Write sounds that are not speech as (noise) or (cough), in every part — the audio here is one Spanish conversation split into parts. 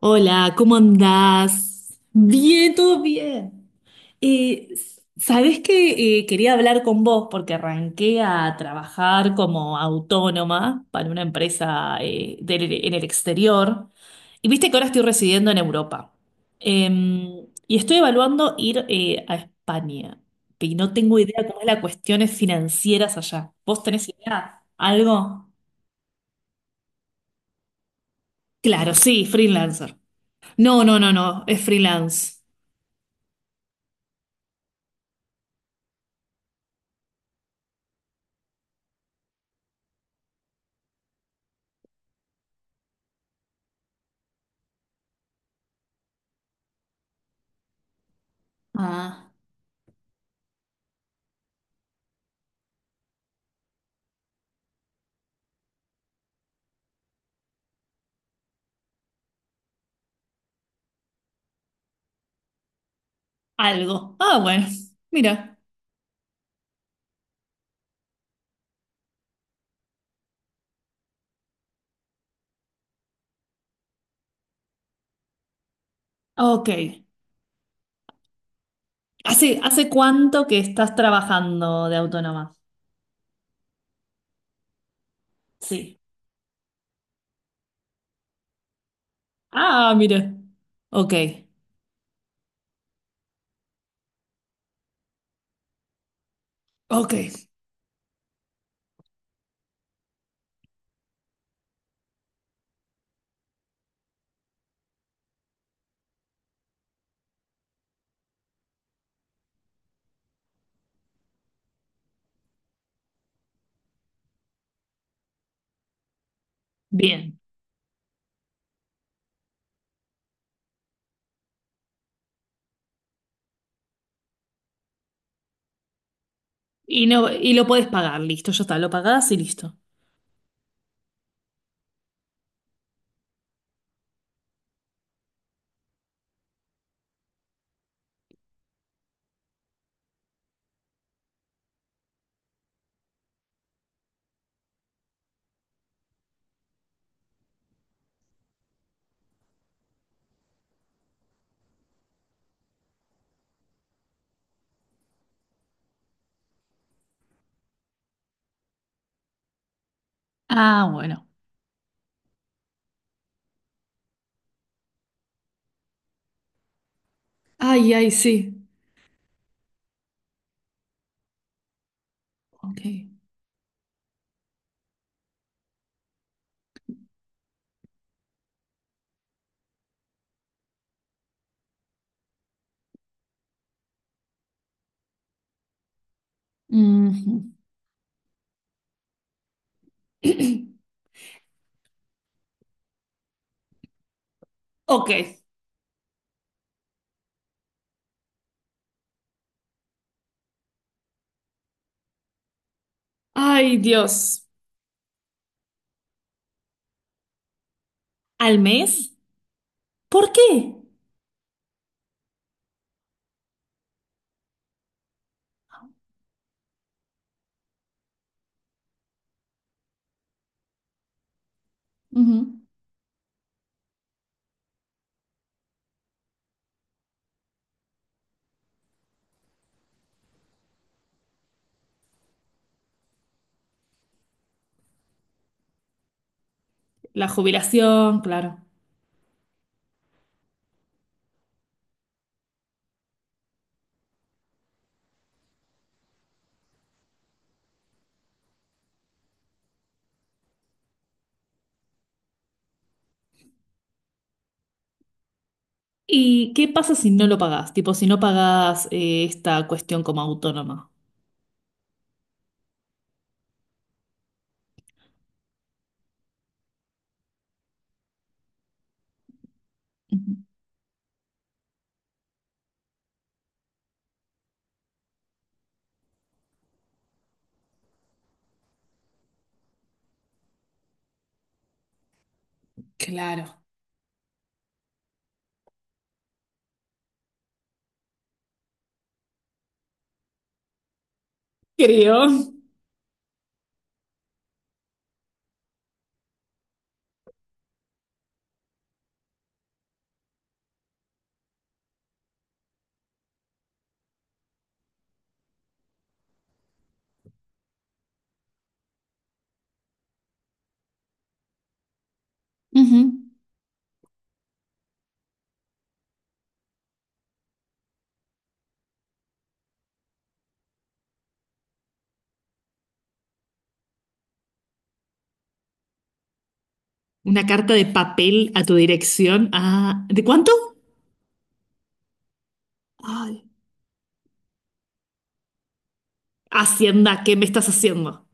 Hola, ¿cómo andás? Bien, todo bien. Eh, sabés que quería hablar con vos porque arranqué a trabajar como autónoma para una empresa en el exterior y viste que ahora estoy residiendo en Europa. Y estoy evaluando ir a España y no tengo idea cómo es las cuestiones financieras allá. ¿Vos tenés idea? ¿Algo? Claro, sí, freelancer. No, no, no, no, es freelance. Ah, algo. Ah, bueno, mira. Ok. ¿Hace cuánto que estás trabajando de autónoma? Sí. Ah, mira. Ok. Ok. Bien. Y no, y lo podés pagar, listo, ya está, lo pagás y listo. Ah, bueno. Ay, ay, sí. Ok. Ujú. (clears throat) Ok. Ay, Dios. ¿Al mes? ¿Por qué? Ujú. La jubilación, claro. ¿Y qué pasa si no lo pagás? Tipo, si no pagás esta cuestión como autónoma. Ujú. Claro. Creo. Ujú. Una carta de papel a tu dirección. Ah, ¿de cuánto? Ay, Hacienda, ¿qué me estás haciendo?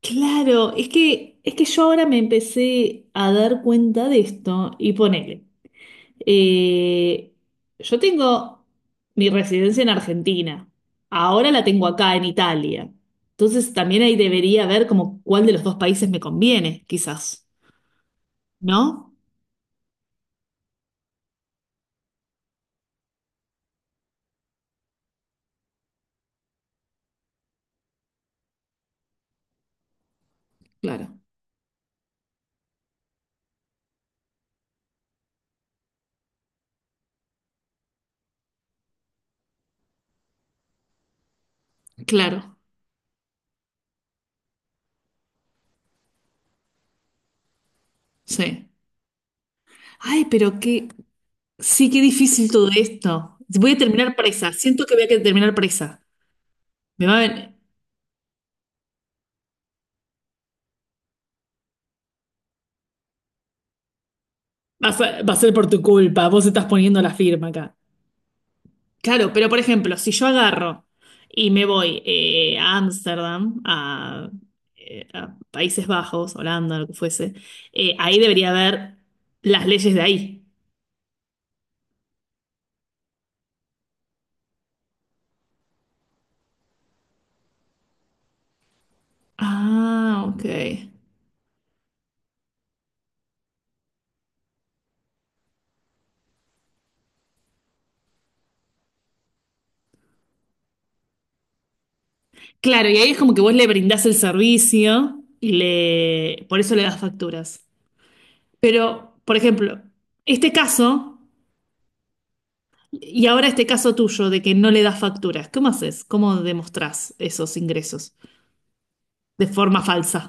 Claro, es que yo ahora me empecé a dar cuenta de esto y ponele. Eh, yo tengo mi residencia en Argentina. Ahora la tengo acá en Italia. Entonces también ahí debería ver como cuál de los dos países me conviene, quizás. ¿No? Claro, claro, sí. Ay, pero qué, sí, qué difícil todo esto. Voy a terminar presa, siento que voy a terminar presa. Me va a, ven- vas a- Ser, va a ser por tu culpa. Vos estás poniendo la firma acá. Claro, pero por ejemplo, si yo agarro y me voy a Ámsterdam, a Países Bajos, Holanda, lo que fuese, ahí debería haber las leyes de ahí. Ah, ok. Claro, y ahí es como que vos le brindás el servicio y le, por eso le das facturas. Pero, por ejemplo, este caso, y ahora este caso tuyo de que no le das facturas, ¿cómo haces? ¿Cómo demostrás esos ingresos? De forma falsa.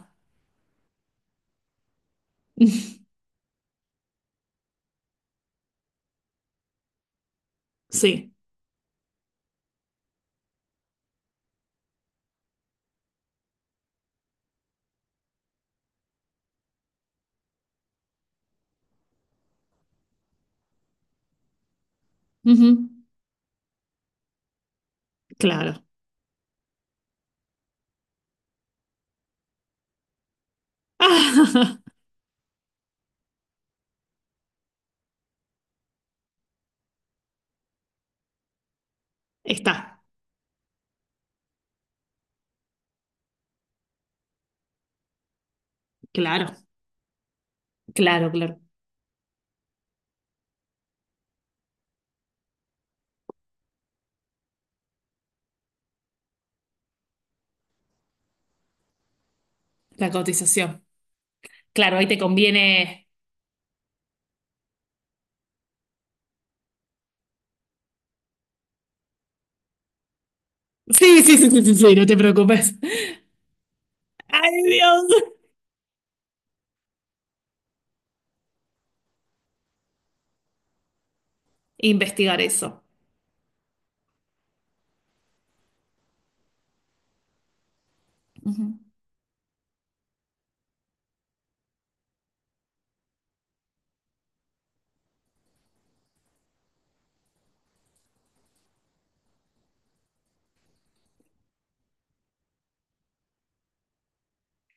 Sí. Ujú. Claro. (laughs) Está, claro, claro, claro. La cotización. Claro, ahí te conviene. Sí, sí, sí, sí, sí, sí, no te preocupes. Ay, Dios. Investigar eso. Ujú.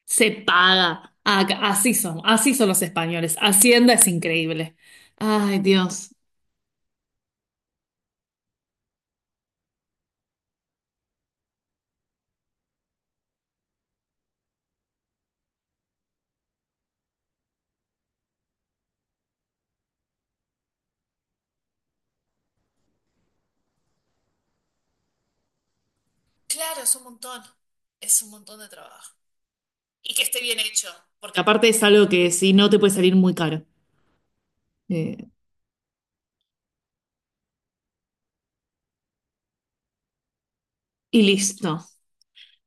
Se paga. Así son los españoles. Hacienda es increíble. Ay, Dios. Claro, es un montón. Es un montón de trabajo. Y que esté bien hecho. Porque aparte es algo que si no te puede salir muy caro. Eh, y listo.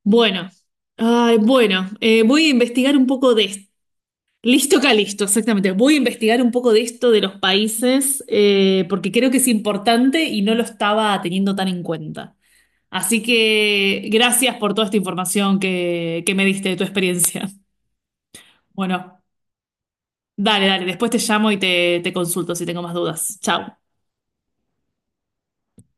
Bueno, ay, bueno, voy a investigar un poco de esto. Listo, Calisto, exactamente. Voy a investigar un poco de esto de los países, porque creo que es importante y no lo estaba teniendo tan en cuenta. Así que gracias por toda esta información que me diste de tu experiencia. (laughs) Bueno, dale, dale, después te llamo y te consulto si tengo más dudas. Chao.